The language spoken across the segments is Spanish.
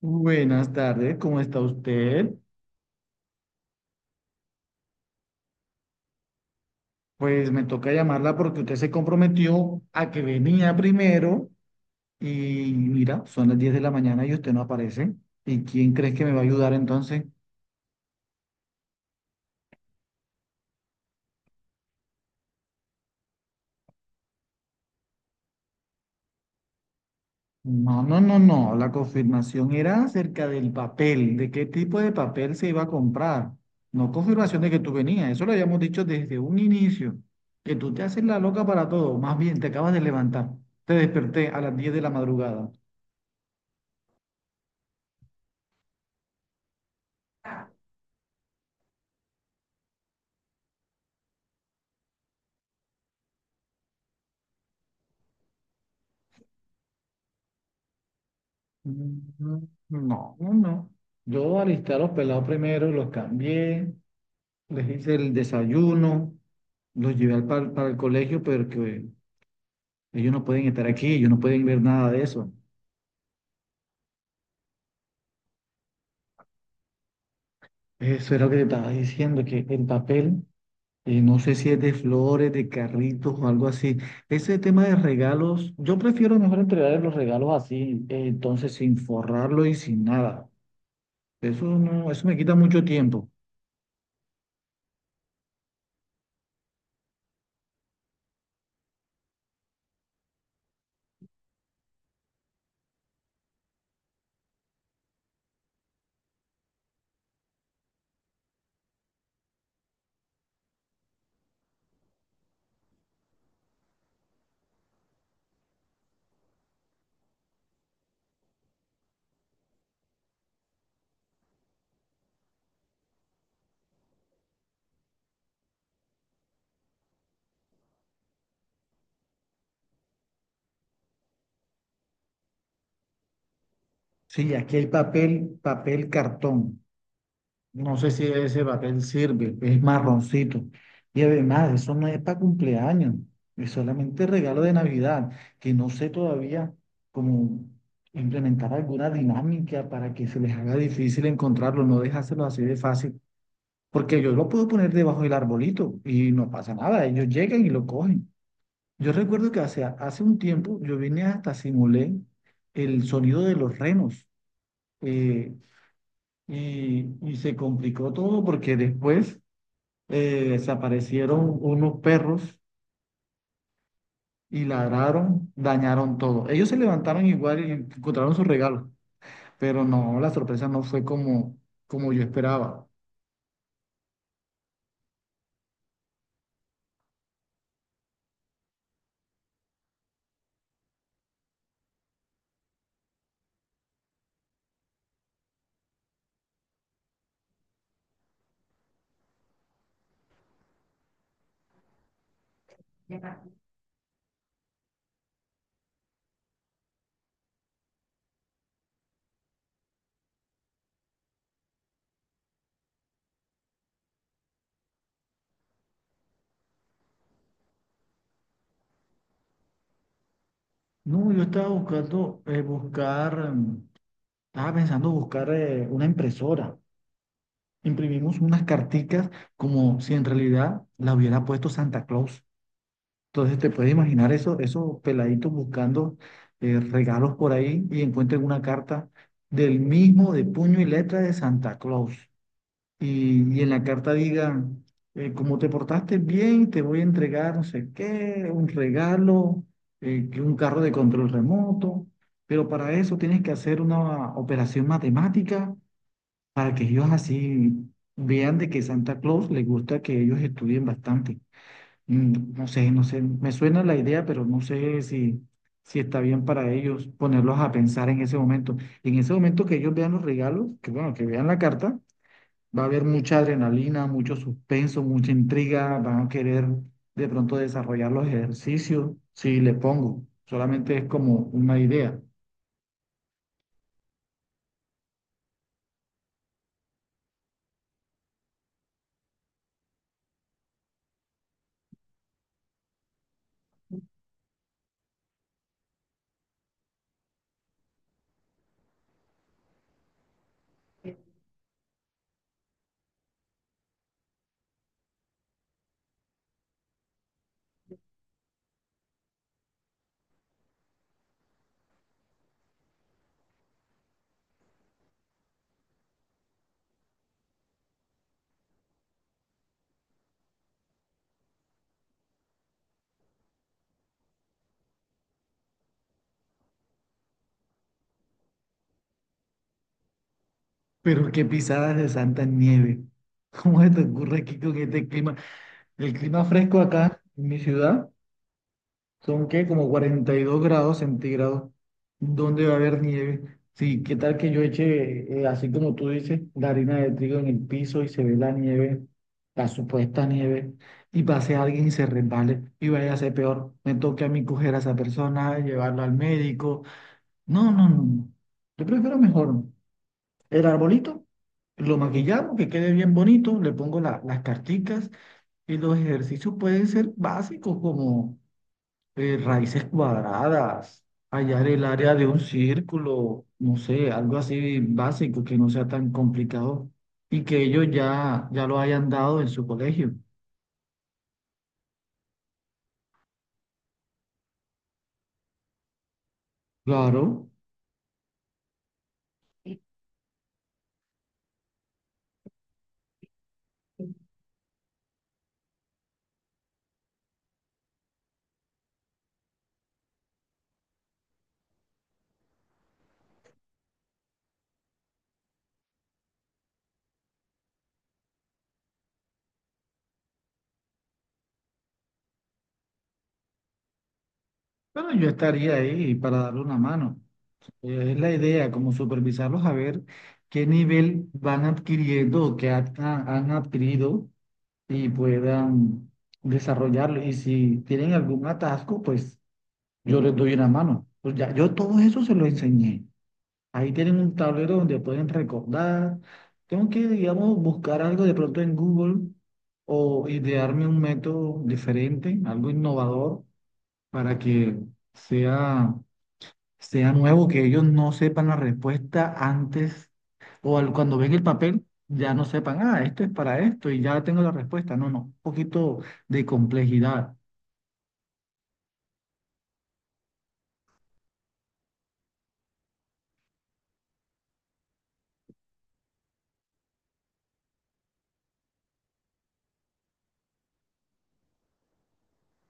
Buenas tardes, ¿cómo está usted? Pues me toca llamarla porque usted se comprometió a que venía primero y mira, son las 10 de la mañana y usted no aparece. ¿Y quién crees que me va a ayudar entonces? No, no, no, no, la confirmación era acerca del papel, de qué tipo de papel se iba a comprar, no confirmación de que tú venías, eso lo habíamos dicho desde un inicio, que tú te haces la loca para todo, más bien te acabas de levantar, te desperté a las 10 de la madrugada. Mm, No, no, no. Yo alisté a los pelados primero, los cambié, les hice el desayuno, los llevé para el colegio, pero que ellos no pueden estar aquí, ellos no pueden ver nada de eso. Eso era lo que te estaba diciendo, que el papel, no sé si es de flores, de carritos o algo así. Ese tema de regalos, yo prefiero mejor entregar los regalos así, entonces sin forrarlo y sin nada. Eso no, eso me quita mucho tiempo. Sí, aquí hay papel, papel cartón. No sé si ese papel sirve, es marroncito. Y además, eso no es para cumpleaños, es solamente regalo de Navidad, que no sé todavía cómo implementar alguna dinámica para que se les haga difícil encontrarlo, no dejárselo así de fácil, porque yo lo puedo poner debajo del arbolito y no pasa nada, ellos llegan y lo cogen. Yo recuerdo que hace un tiempo yo vine hasta simulé el sonido de los renos. Eh, y se complicó todo porque después desaparecieron unos perros y ladraron, dañaron todo. Ellos se levantaron igual y encontraron sus regalos, pero no, la sorpresa no fue como yo esperaba. No, yo estaba buscar, estaba pensando buscar una impresora. Imprimimos unas carticas como si en realidad la hubiera puesto Santa Claus. Entonces te puedes imaginar eso, esos peladitos buscando regalos por ahí y encuentran una carta del mismo de puño y letra de Santa Claus. Y en la carta diga, como te portaste bien, te voy a entregar no sé qué, un regalo, que un carro de control remoto, pero para eso tienes que hacer una operación matemática para que ellos así vean de que Santa Claus les gusta que ellos estudien bastante. No sé, no sé, me suena la idea, pero no sé si, si está bien para ellos ponerlos a pensar en ese momento. En ese momento que ellos vean los regalos, que bueno, que vean la carta, va a haber mucha adrenalina, mucho suspenso, mucha intriga, van a querer de pronto desarrollar los ejercicios, si le pongo, solamente es como una idea. Pero qué pisadas de santa nieve. ¿Cómo se te ocurre aquí con este clima? El clima fresco acá en mi ciudad. Son que como 42 grados centígrados, dónde va a haber nieve. Sí, ¿qué tal que yo eche así como tú dices, la harina de trigo en el piso y se ve la nieve, la supuesta nieve, y pase alguien y se resbale y vaya a ser peor? Me toque a mí coger a esa persona, llevarla al médico. No, no, no. no. Yo prefiero mejor el arbolito, lo maquillamos, que quede bien bonito, le pongo las carticas y los ejercicios pueden ser básicos como raíces cuadradas, hallar el área de un círculo, no sé, algo así básico que no sea tan complicado y que ellos ya lo hayan dado en su colegio. Claro, pero yo estaría ahí para darle una mano. Es la idea, como supervisarlos a ver qué nivel van adquiriendo o han adquirido y puedan desarrollarlo. Y si tienen algún atasco, pues yo les doy una mano. Pues ya, yo todo eso se lo enseñé. Ahí tienen un tablero donde pueden recordar. Tengo que, digamos, buscar algo de pronto en Google o idearme un método diferente, algo innovador, para que sea, sea nuevo, que ellos no sepan la respuesta antes o cuando ven el papel, ya no sepan, ah, esto es para esto y ya tengo la respuesta. No, no, un poquito de complejidad.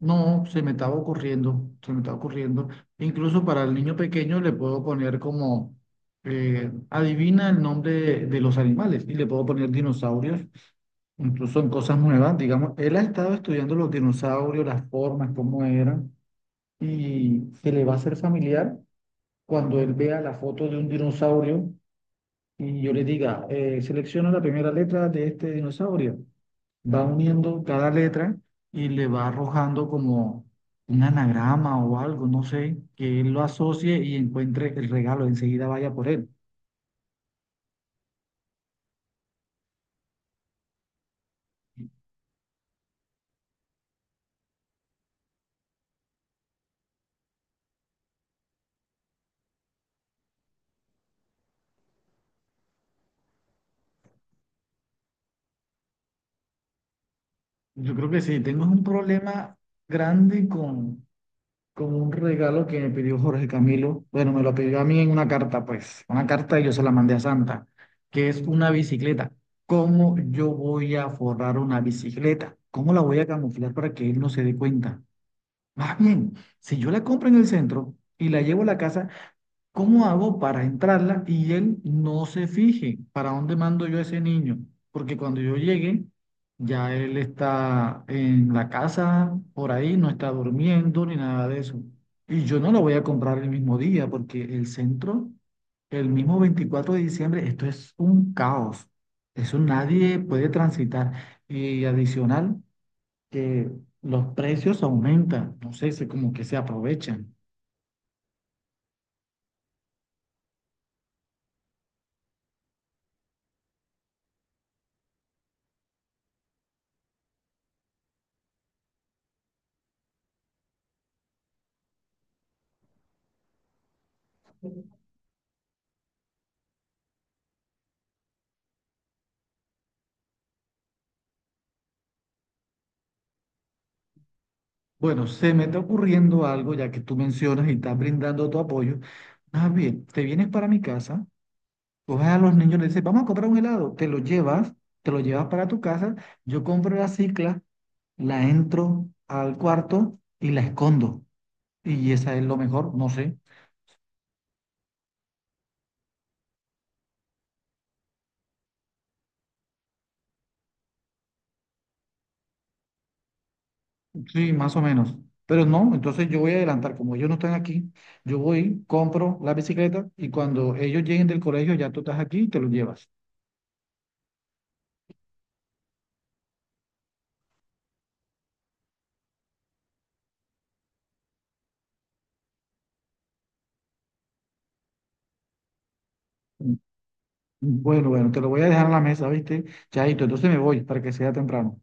No, se me estaba ocurriendo. Incluso para el niño pequeño le puedo poner adivina el nombre de los animales y le puedo poner dinosaurios. Incluso son cosas nuevas, digamos, él ha estado estudiando los dinosaurios, las formas, cómo eran, y se le va a hacer familiar cuando él vea la foto de un dinosaurio y yo le diga, selecciona la primera letra de este dinosaurio va uniendo cada letra y le va arrojando como un anagrama o algo, no sé, que él lo asocie y encuentre el regalo, enseguida vaya por él. Yo creo que sí, tengo un problema grande con un regalo que me pidió Jorge Camilo. Bueno, me lo pidió a mí en una carta, pues, una carta y yo se la mandé a Santa, que es una bicicleta. ¿Cómo yo voy a forrar una bicicleta? ¿Cómo la voy a camuflar para que él no se dé cuenta? Más bien, si yo la compro en el centro y la llevo a la casa, ¿cómo hago para entrarla y él no se fije para dónde mando yo a ese niño? Porque cuando yo llegue, ya él está en la casa, por ahí, no está durmiendo ni nada de eso. Y yo no lo voy a comprar el mismo día porque el mismo 24 de diciembre, esto es un caos. Eso nadie puede transitar. Y adicional que los precios aumentan, no sé, se como que se aprovechan. Bueno, se me está ocurriendo algo, ya que tú mencionas y estás brindando tu apoyo. Más bien, te vienes para mi casa, coges a los niños, le dices, vamos a comprar un helado, te lo llevas para tu casa, yo compro la cicla, la entro al cuarto y la escondo. Y esa es lo mejor, no sé. Sí, más o menos. Pero no, entonces yo voy a adelantar, como ellos no están aquí, yo voy, compro la bicicleta y cuando ellos lleguen del colegio ya tú estás aquí y te lo llevas. Bueno, bueno, te lo voy a dejar en la mesa, ¿viste? Chaito, entonces me voy para que sea temprano.